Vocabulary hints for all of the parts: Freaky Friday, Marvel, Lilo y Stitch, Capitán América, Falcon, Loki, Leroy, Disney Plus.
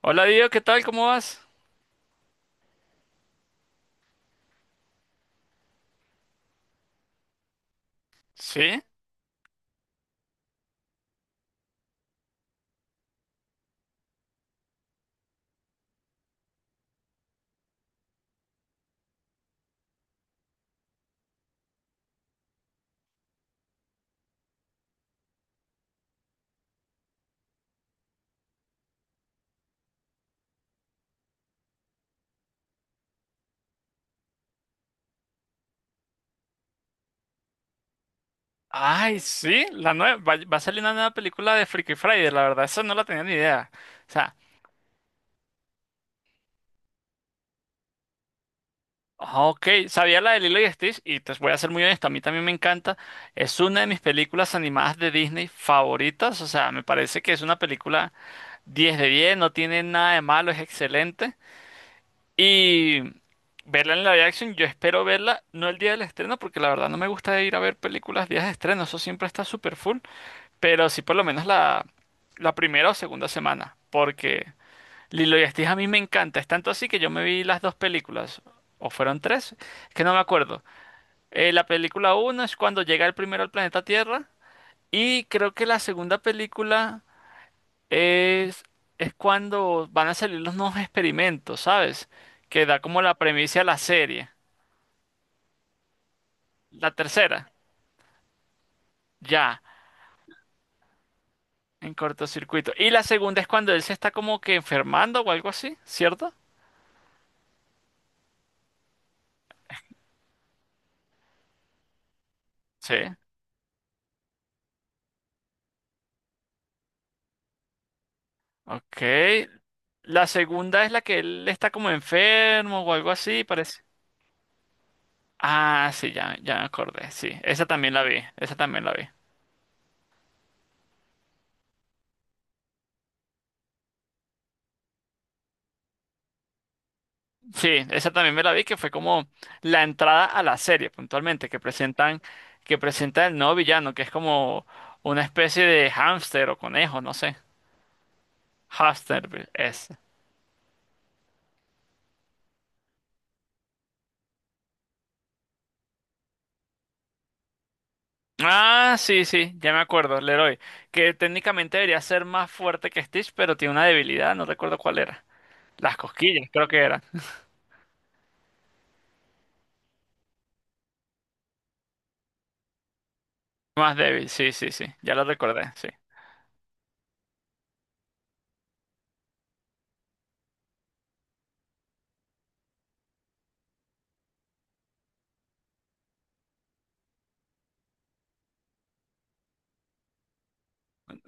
Hola Diego, ¿qué tal? ¿Cómo vas? ¿Sí? Ay, sí, la nueva, va a salir una nueva película de Freaky Friday, la verdad, esa no la tenía ni idea. O sea, ok, sabía la de Lilo y Stitch y te voy a ser muy honesto, a mí también me encanta. Es una de mis películas animadas de Disney favoritas, o sea, me parece que es una película 10 de 10. No tiene nada de malo, es excelente. Y verla en live action, yo espero verla, no el día del estreno, porque la verdad no me gusta ir a ver películas días de estreno, eso siempre está súper full. Pero sí por lo menos la primera o segunda semana, porque Lilo y Stitch a mí me encanta. Es tanto así que yo me vi las dos películas, o fueron tres, es que no me acuerdo. La película uno es cuando llega el primero al planeta Tierra y creo que la segunda película es, es cuando van a salir los nuevos experimentos, ¿sabes? Que da como la premisa a la serie. La tercera, ya, en cortocircuito. Y la segunda es cuando él se está como que enfermando o algo así, ¿cierto? Sí. Ok. La segunda es la que él está como enfermo o algo así, parece. Ah, sí, ya, ya me acordé. Sí, esa también la vi. Esa también la vi. Sí, esa también me la vi, que fue como la entrada a la serie, puntualmente, que presenta el nuevo villano, que es como una especie de hámster o conejo, no sé. Hamster es. Ah, sí, sí, ya me acuerdo, Leroy. Que técnicamente debería ser más fuerte que Stitch, pero tiene una debilidad, no recuerdo cuál era. Las cosquillas, creo que era. Más débil, sí, sí, sí. Ya lo recordé, sí.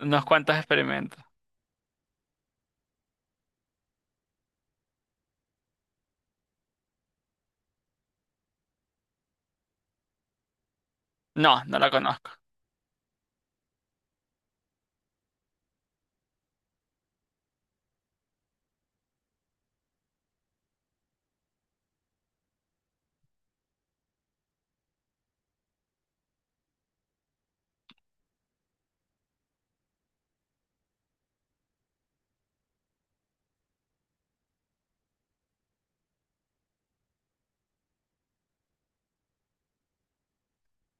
Unos cuantos experimentos. No, no la conozco.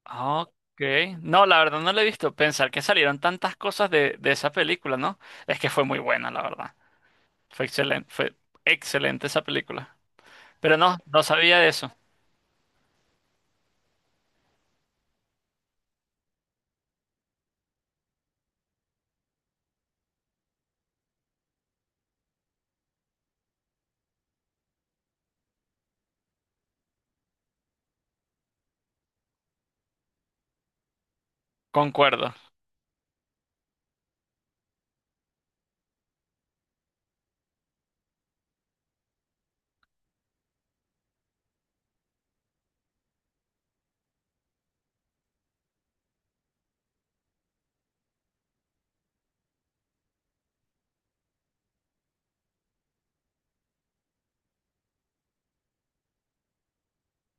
Ok. No, la verdad no la he visto. Pensar que salieron tantas cosas de esa película, ¿no? Es que fue muy buena, la verdad. Fue excelente esa película. Pero no, no sabía de eso. Concuerdo.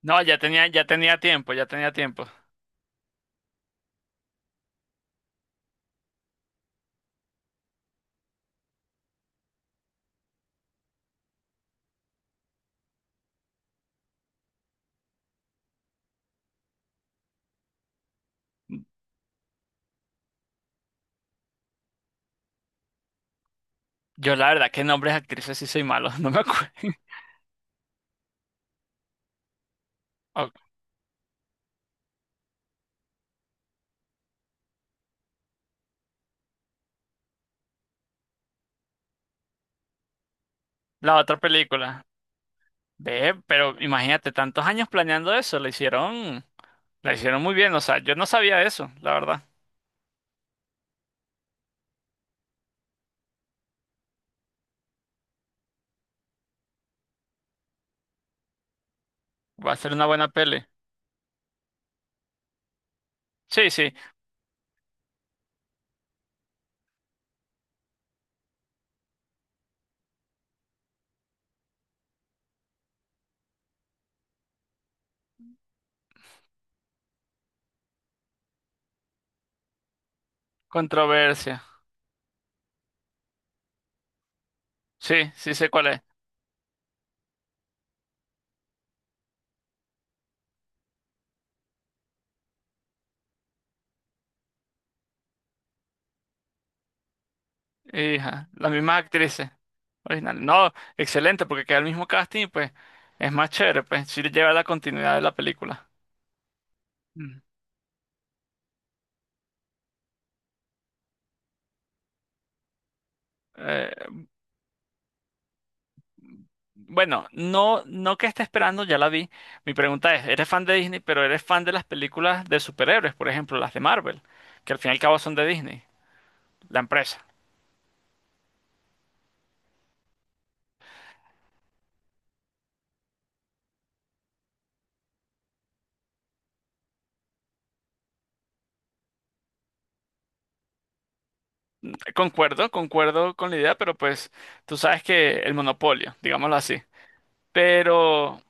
No, ya tenía tiempo, ya tenía tiempo. Yo la verdad, que nombres de actrices sí soy malo, no me acuerdo. Ok, la otra película. Ve, pero imagínate, tantos años planeando eso, lo hicieron. La hicieron muy bien, o sea, yo no sabía eso, la verdad. Va a ser una buena peli. Sí, sí, controversia. Sí, sí sé cuál es. Hija, las mismas actrices originales. No, excelente, porque queda el mismo casting y pues es más chévere, pues sí lleva la continuidad de la película. Mm. Eh, bueno, no, no que esté esperando, ya la vi. Mi pregunta es, ¿eres fan de Disney, pero eres fan de las películas de superhéroes, por ejemplo, las de Marvel, que al fin y al cabo son de Disney, la empresa? Concuerdo, concuerdo con la idea, pero pues tú sabes que el monopolio, digámoslo así. Pero,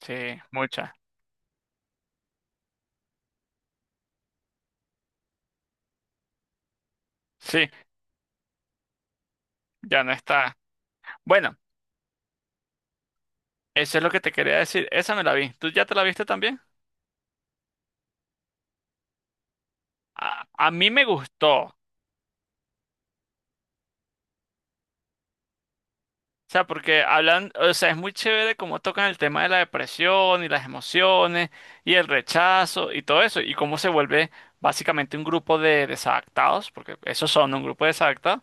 sí, mucha. Sí, ya no está. Bueno, eso es lo que te quería decir. Esa me la vi. ¿Tú ya te la viste también? A mí me gustó. O sea, porque hablan, o sea, es muy chévere cómo tocan el tema de la depresión y las emociones y el rechazo y todo eso. Y cómo se vuelve básicamente un grupo de desadaptados, porque esos son un grupo de desadaptados,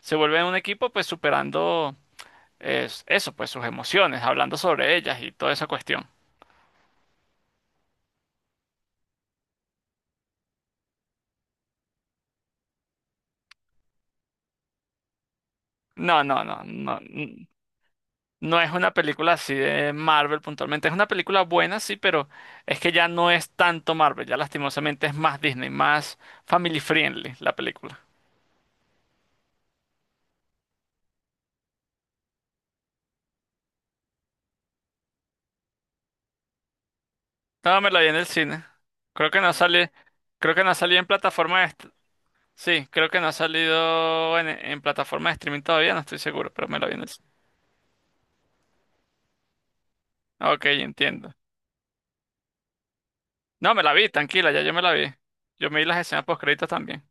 se vuelve un equipo pues superando es eso, pues sus emociones, hablando sobre ellas y toda esa cuestión. No, no, no, no, no es una película así de Marvel puntualmente. Es una película buena, sí, pero es que ya no es tanto Marvel, ya lastimosamente es más Disney, más family friendly la película. No, me la vi en el cine. Creo que no sale, creo que no salió en plataforma de sí, creo que no ha salido en, plataforma de streaming todavía, no estoy seguro, pero me la vi en el cine. Ok, entiendo. No, me la vi, tranquila, ya yo me la vi. Yo me vi las escenas post créditos también.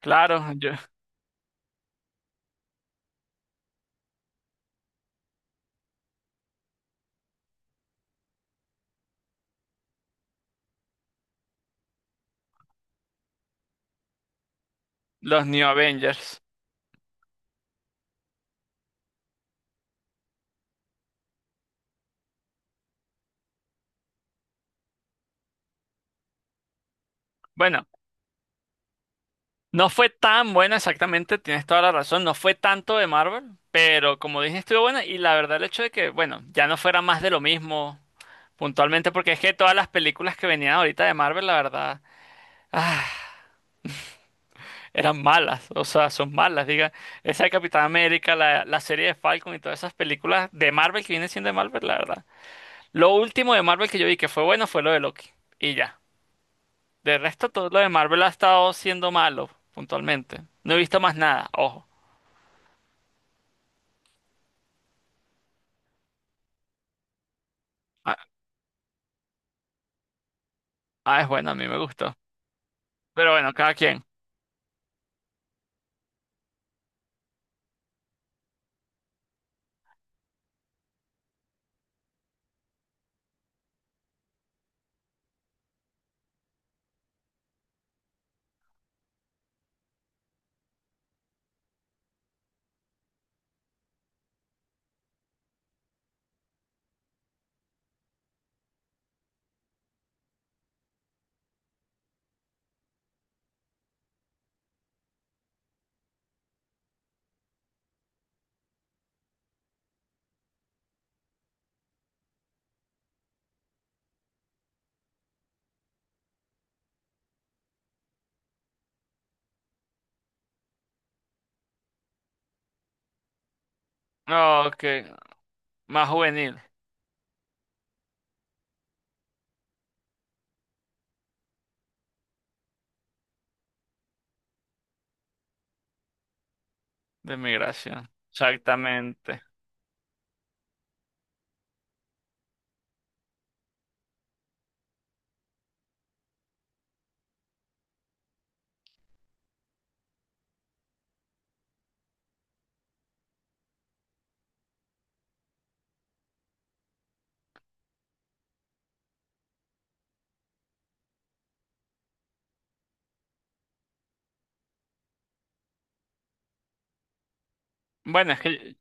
Claro, los New Avengers. Bueno, no fue tan buena exactamente, tienes toda la razón, no fue tanto de Marvel, pero como dije, estuvo buena y la verdad el hecho de que, bueno, ya no fuera más de lo mismo puntualmente, porque es que todas las películas que venían ahorita de Marvel, la verdad, ah, eran malas, o sea, son malas, diga, esa de Capitán América, la serie de Falcon y todas esas películas de Marvel que vienen siendo de Marvel, la verdad. Lo último de Marvel que yo vi que fue bueno fue lo de Loki, y ya. De resto, todo lo de Marvel ha estado siendo malo, puntualmente. No he visto más nada, ojo. Ah, ah, es bueno, a mí me gustó. Pero bueno, cada quien. No, ok, más juvenil de migración. Exactamente. Bueno, es que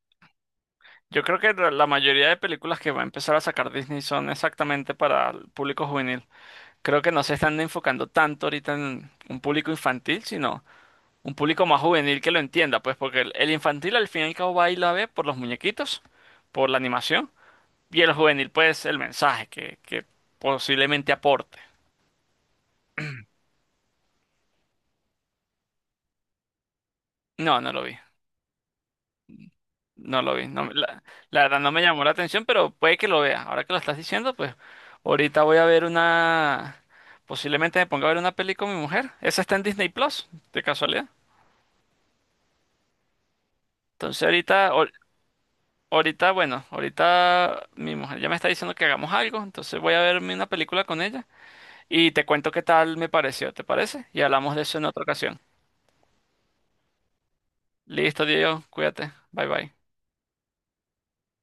yo creo que la mayoría de películas que va a empezar a sacar Disney son exactamente para el público juvenil. Creo que no se están enfocando tanto ahorita en un público infantil, sino un público más juvenil que lo entienda, pues porque el infantil al fin y al cabo va y la ve por los muñequitos, por la animación. Y el juvenil, pues, el mensaje que posiblemente aporte. No, no lo vi. No lo vi. No, la verdad no me llamó la atención, pero puede que lo vea. Ahora que lo estás diciendo, pues ahorita voy a ver una. Posiblemente me ponga a ver una peli con mi mujer. Esa está en Disney Plus, de casualidad. Entonces ahorita, bueno, ahorita mi mujer ya me está diciendo que hagamos algo. Entonces voy a verme una película con ella y te cuento qué tal me pareció, ¿te parece? Y hablamos de eso en otra ocasión. Listo, Diego, cuídate. Bye bye.